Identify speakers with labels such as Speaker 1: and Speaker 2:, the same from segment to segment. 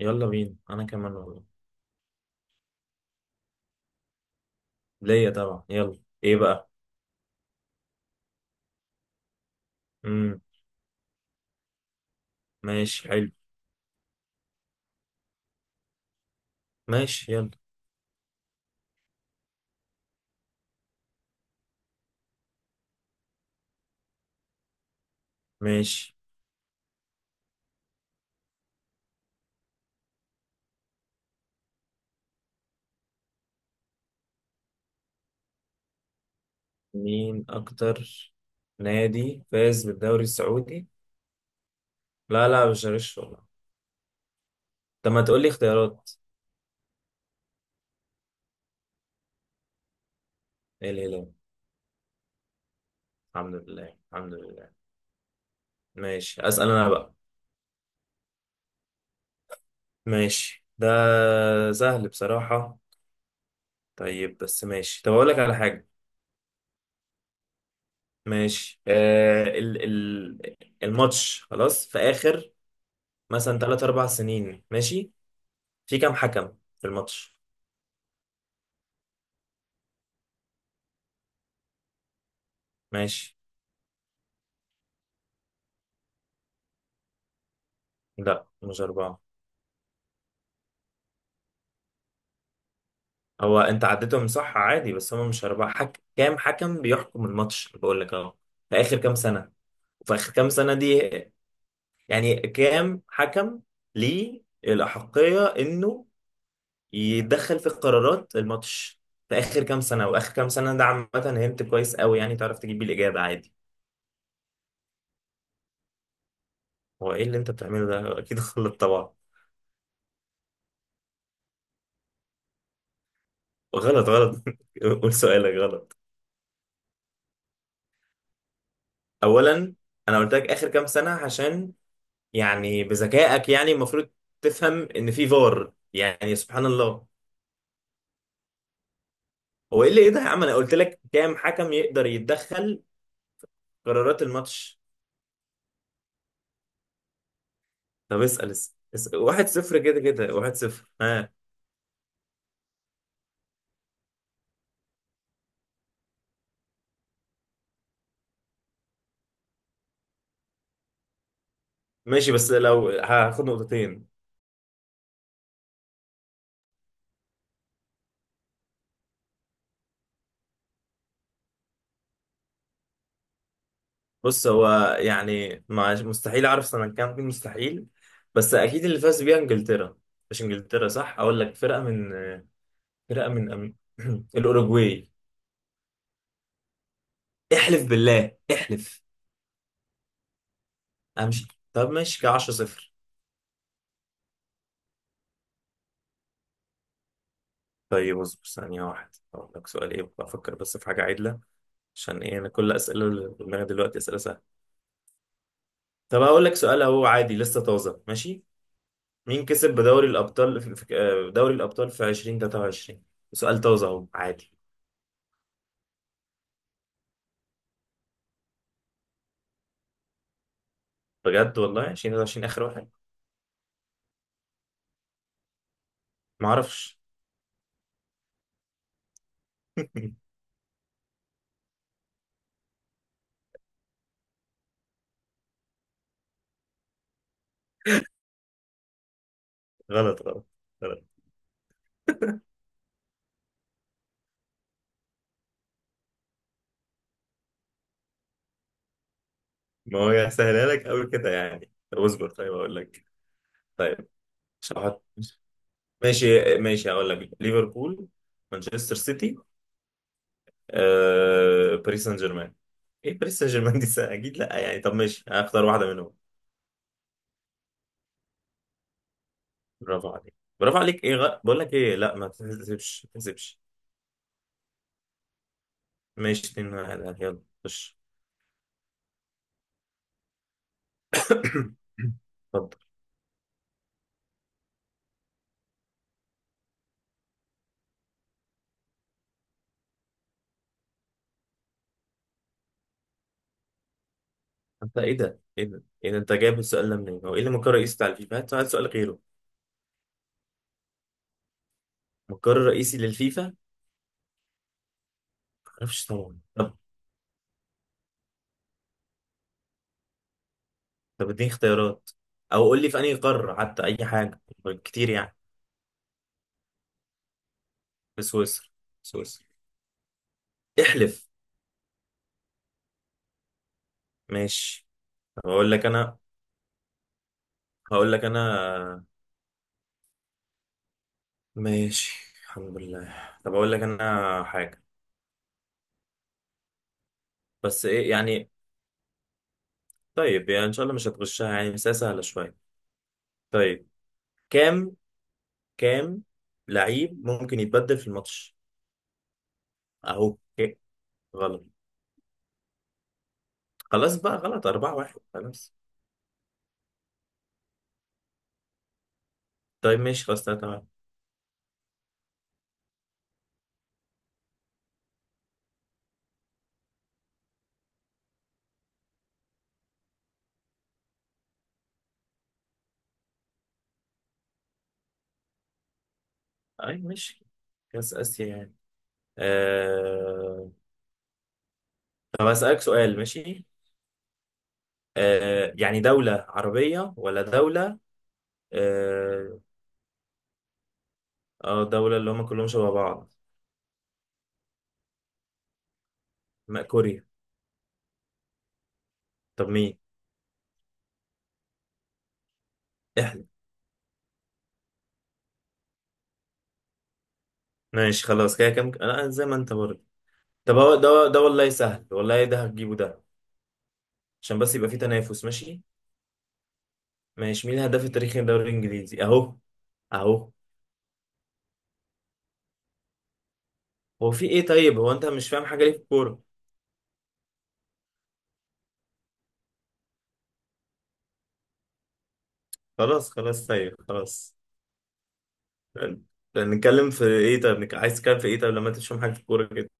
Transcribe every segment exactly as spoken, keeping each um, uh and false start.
Speaker 1: يلا بينا انا كمان والله. ليا طبعا يلا. ايه بقى؟ امم ماشي حلو. ماشي يلا. ماشي. مين اكتر نادي فاز بالدوري السعودي؟ لا لا مش هغش والله. طب ما تقول لي اختيارات. ايه الهلال. الحمد لله الحمد لله. ماشي اسال انا بقى. ماشي ده سهل بصراحة. طيب بس ماشي، طب اقول لك على حاجة. ماشي، آه ال ال الماتش خلاص في اخر مثلا ثلاثة اربعة سنين، ماشي؟ في كام حكم في الماتش؟ ماشي. لا مش أربعة. هو أنت عديتهم صح عادي، بس هم مش أربعة. حك... كام حكم بيحكم الماتش اللي بقول لك أهو في آخر كام سنة؟ وفي آخر كام سنة دي يعني كام حكم ليه الأحقية إنه يتدخل في قرارات الماتش في آخر كام سنة؟ وآخر كام سنة ده عامة هنت كويس قوي، يعني تعرف تجيب بيه الإجابة عادي. هو إيه اللي أنت بتعمله ده؟ أكيد غلط طبعا. غلط غلط. قول سؤالك غلط. اولا انا قلت لك اخر كام سنه، عشان يعني بذكائك يعني المفروض تفهم ان في فار، يعني سبحان الله. هو ايه اللي ايه ده يا عم؟ انا قلت لك كام حكم يقدر يتدخل قرارات الماتش. طب اسال اسال اسأل. واحد صفر كده كده. واحد صفر ها. ماشي بس لو هاخد نقطتين. بص هو يعني مع- مستحيل اعرف سنه كام، مستحيل. بس اكيد اللي فاز بيها انجلترا. مش انجلترا. صح اقول لك فرقه من فرقه من أم- الاوروجواي. احلف بالله احلف. امشي. طب ماشي كده عشرة صفر. طيب اصبر ثانية واحدة اقول لك سؤال، ايه بفكر افكر بس في حاجة عدلة. عشان ايه انا كل اسئلة اللي في دماغي دلوقتي اسئلة سهلة. طب اقول لك سؤال اهو عادي لسه طازة، ماشي؟ مين كسب بدوري الابطال في في- آه، دوري الابطال في ألفين وثلاثة وعشرين؟ سؤال طازة اهو عادي. بجد والله ألفين وثلاثة وعشرين اخر واحد. ما اعرفش. غلط غلط غلط. ما هو هسهلها لك قوي كده يعني، طب اصبر طيب اقول لك. طيب مش هحط. ماشي. ماشي هقول لك ليفربول، مانشستر سيتي، آه، باريس سان جيرمان. ايه باريس سان جيرمان دي؟ سنة؟ اكيد لا يعني، طب ماشي هختار واحده منهم. برافو عليك. برافو عليك. ايه غ... بقول لك ايه، لا ما تحسبش ما تحسبش. ماشي اتنين واحد يلا خش. اتفضل. انت ايه ده ايه ده ايه ده؟ انت جايب السؤال ده منين؟ هو ايه اللي مقر رئيسي بتاع الفيفا؟ هات هات سؤال غيره. مقر رئيسي للفيفا ما اعرفش طبعا. طب طب اديني اختيارات، او قول لي في انهي قاره حتى، اي حاجه كتير يعني. في سويسرا. سويسرا. احلف. ماشي. طب اقول لك انا. هقول لك انا. ماشي الحمد لله. طب اقول لك انا حاجة، بس ايه يعني. طيب يعني ان شاء الله مش هتغشها يعني، بس هي سهلة شوية. طيب. كام كام لعيب ممكن يتبدل في الماتش؟ اهو إيه؟ غلط. خلاص بقى غلط. أربعة واحد خلاص. طيب ماشي خلاص تلاتة واحد. اي ماشي كاس اسيا يعني. آه... طب هسألك سؤال ماشي. آه... يعني دولة عربية ولا دولة؟ اه، آه، دولة اللي هم كلهم شبه بعض. ما كوريا. طب مين؟ احنا. ماشي خلاص كده، كم انا زي ما انت برضه. طب هو ده ده والله سهل، والله ده هتجيبه ده. عشان بس يبقى في تنافس، ماشي؟ ماشي، مين الهداف التاريخي للدوري الانجليزي اهو اهو؟ هو في ايه؟ طيب هو انت مش فاهم حاجة ليه في الكورة؟ خلاص خلاص طيب خلاص. طيب، نتكلم في ايه؟ طب عايز تتكلم في ايه؟ طب لما انت مش فاهم حاجة في الكورة كده.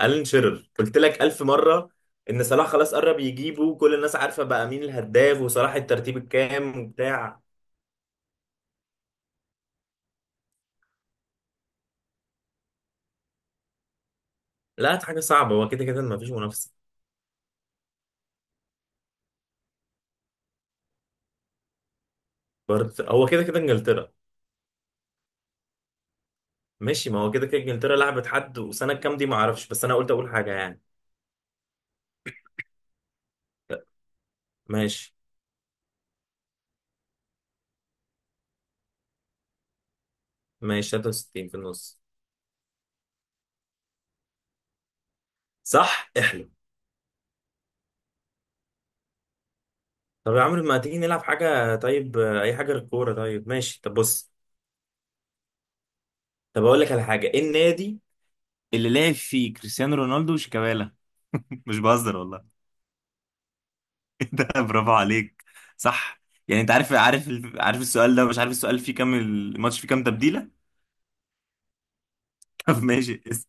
Speaker 1: الان شيرر قلت لك ألف مرة. إن صلاح خلاص قرب يجيبه، كل الناس عارفة بقى مين الهداف، وصلاح الترتيب الكام وبتاع. لا دي حاجة صعبة، هو كده كده مفيش منافسة. برضه هو كده كده إنجلترا. ماشي ما هو كده كده إنجلترا لعبت حد، وسنة كام دي معرفش، بس أنا قلت أقول حاجة يعني. ماشي. ماشي تلاتة وستين في النص. صح احلم. طب يا عمرو ما تيجي نلعب حاجة طيب، آه، أي حاجة غير الكورة. طيب ماشي، طب بص. طب أقول لك على حاجة. إيه النادي اللي لعب فيه كريستيانو رونالدو وشيكابالا؟ مش بهزر والله. ده برافو عليك. صح. يعني انت عارف عارف ال- عارف السؤال ده. مش عارف السؤال فيه كام، الماتش فيه كام تبديلة. طب ماشي اس-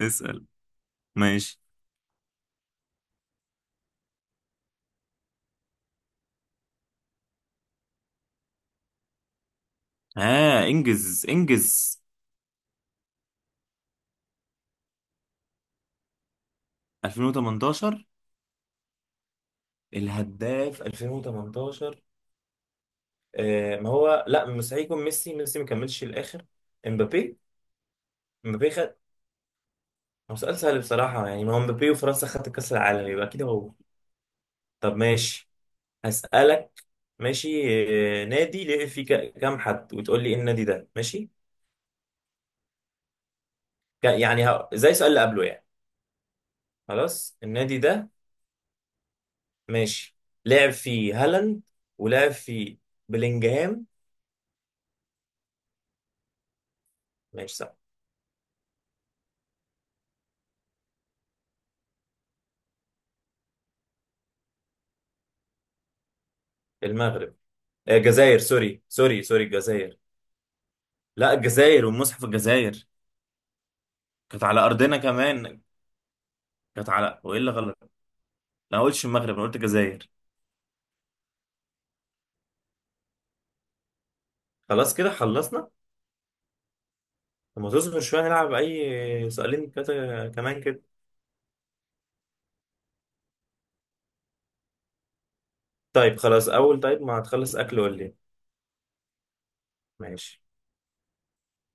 Speaker 1: اسأل ماشي. ها انجز انجز. ألفين وثمانية عشر. الهداف ألفين وثمنتاشر. آه ما هو لا مستحيل يكون ميسي. ميسي ما كملش الاخر. امبابي. امبابي خد. هو سؤال سهل بصراحة يعني، ما هو امبابي وفرنسا خدت كأس العالم يبقى اكيد هو. طب ماشي. هسألك ماشي، آه، نادي ليه فيه ك- كام حد، وتقول لي ايه النادي ده ماشي. كان يعني ه- زي السؤال اللي قبله يعني. خلاص النادي ده ماشي. لعب فيه هالاند، ولعب فيه بلينجهام. ماشي صح. المغرب، آه، الجزائر سوري سوري سوري الجزائر. لا الجزائر والمصحف الجزائر. كانت على ارضنا كمان. كانت على، وايه اللي غلط؟ انا ما قلتش المغرب انا قلت الجزائر. خلاص كده خلصنا. لما تصبر شويه نلعب اي سؤالين كده كمان كده. طيب خلاص اول، طيب ما هتخلص اكل ولا ايه. ماشي.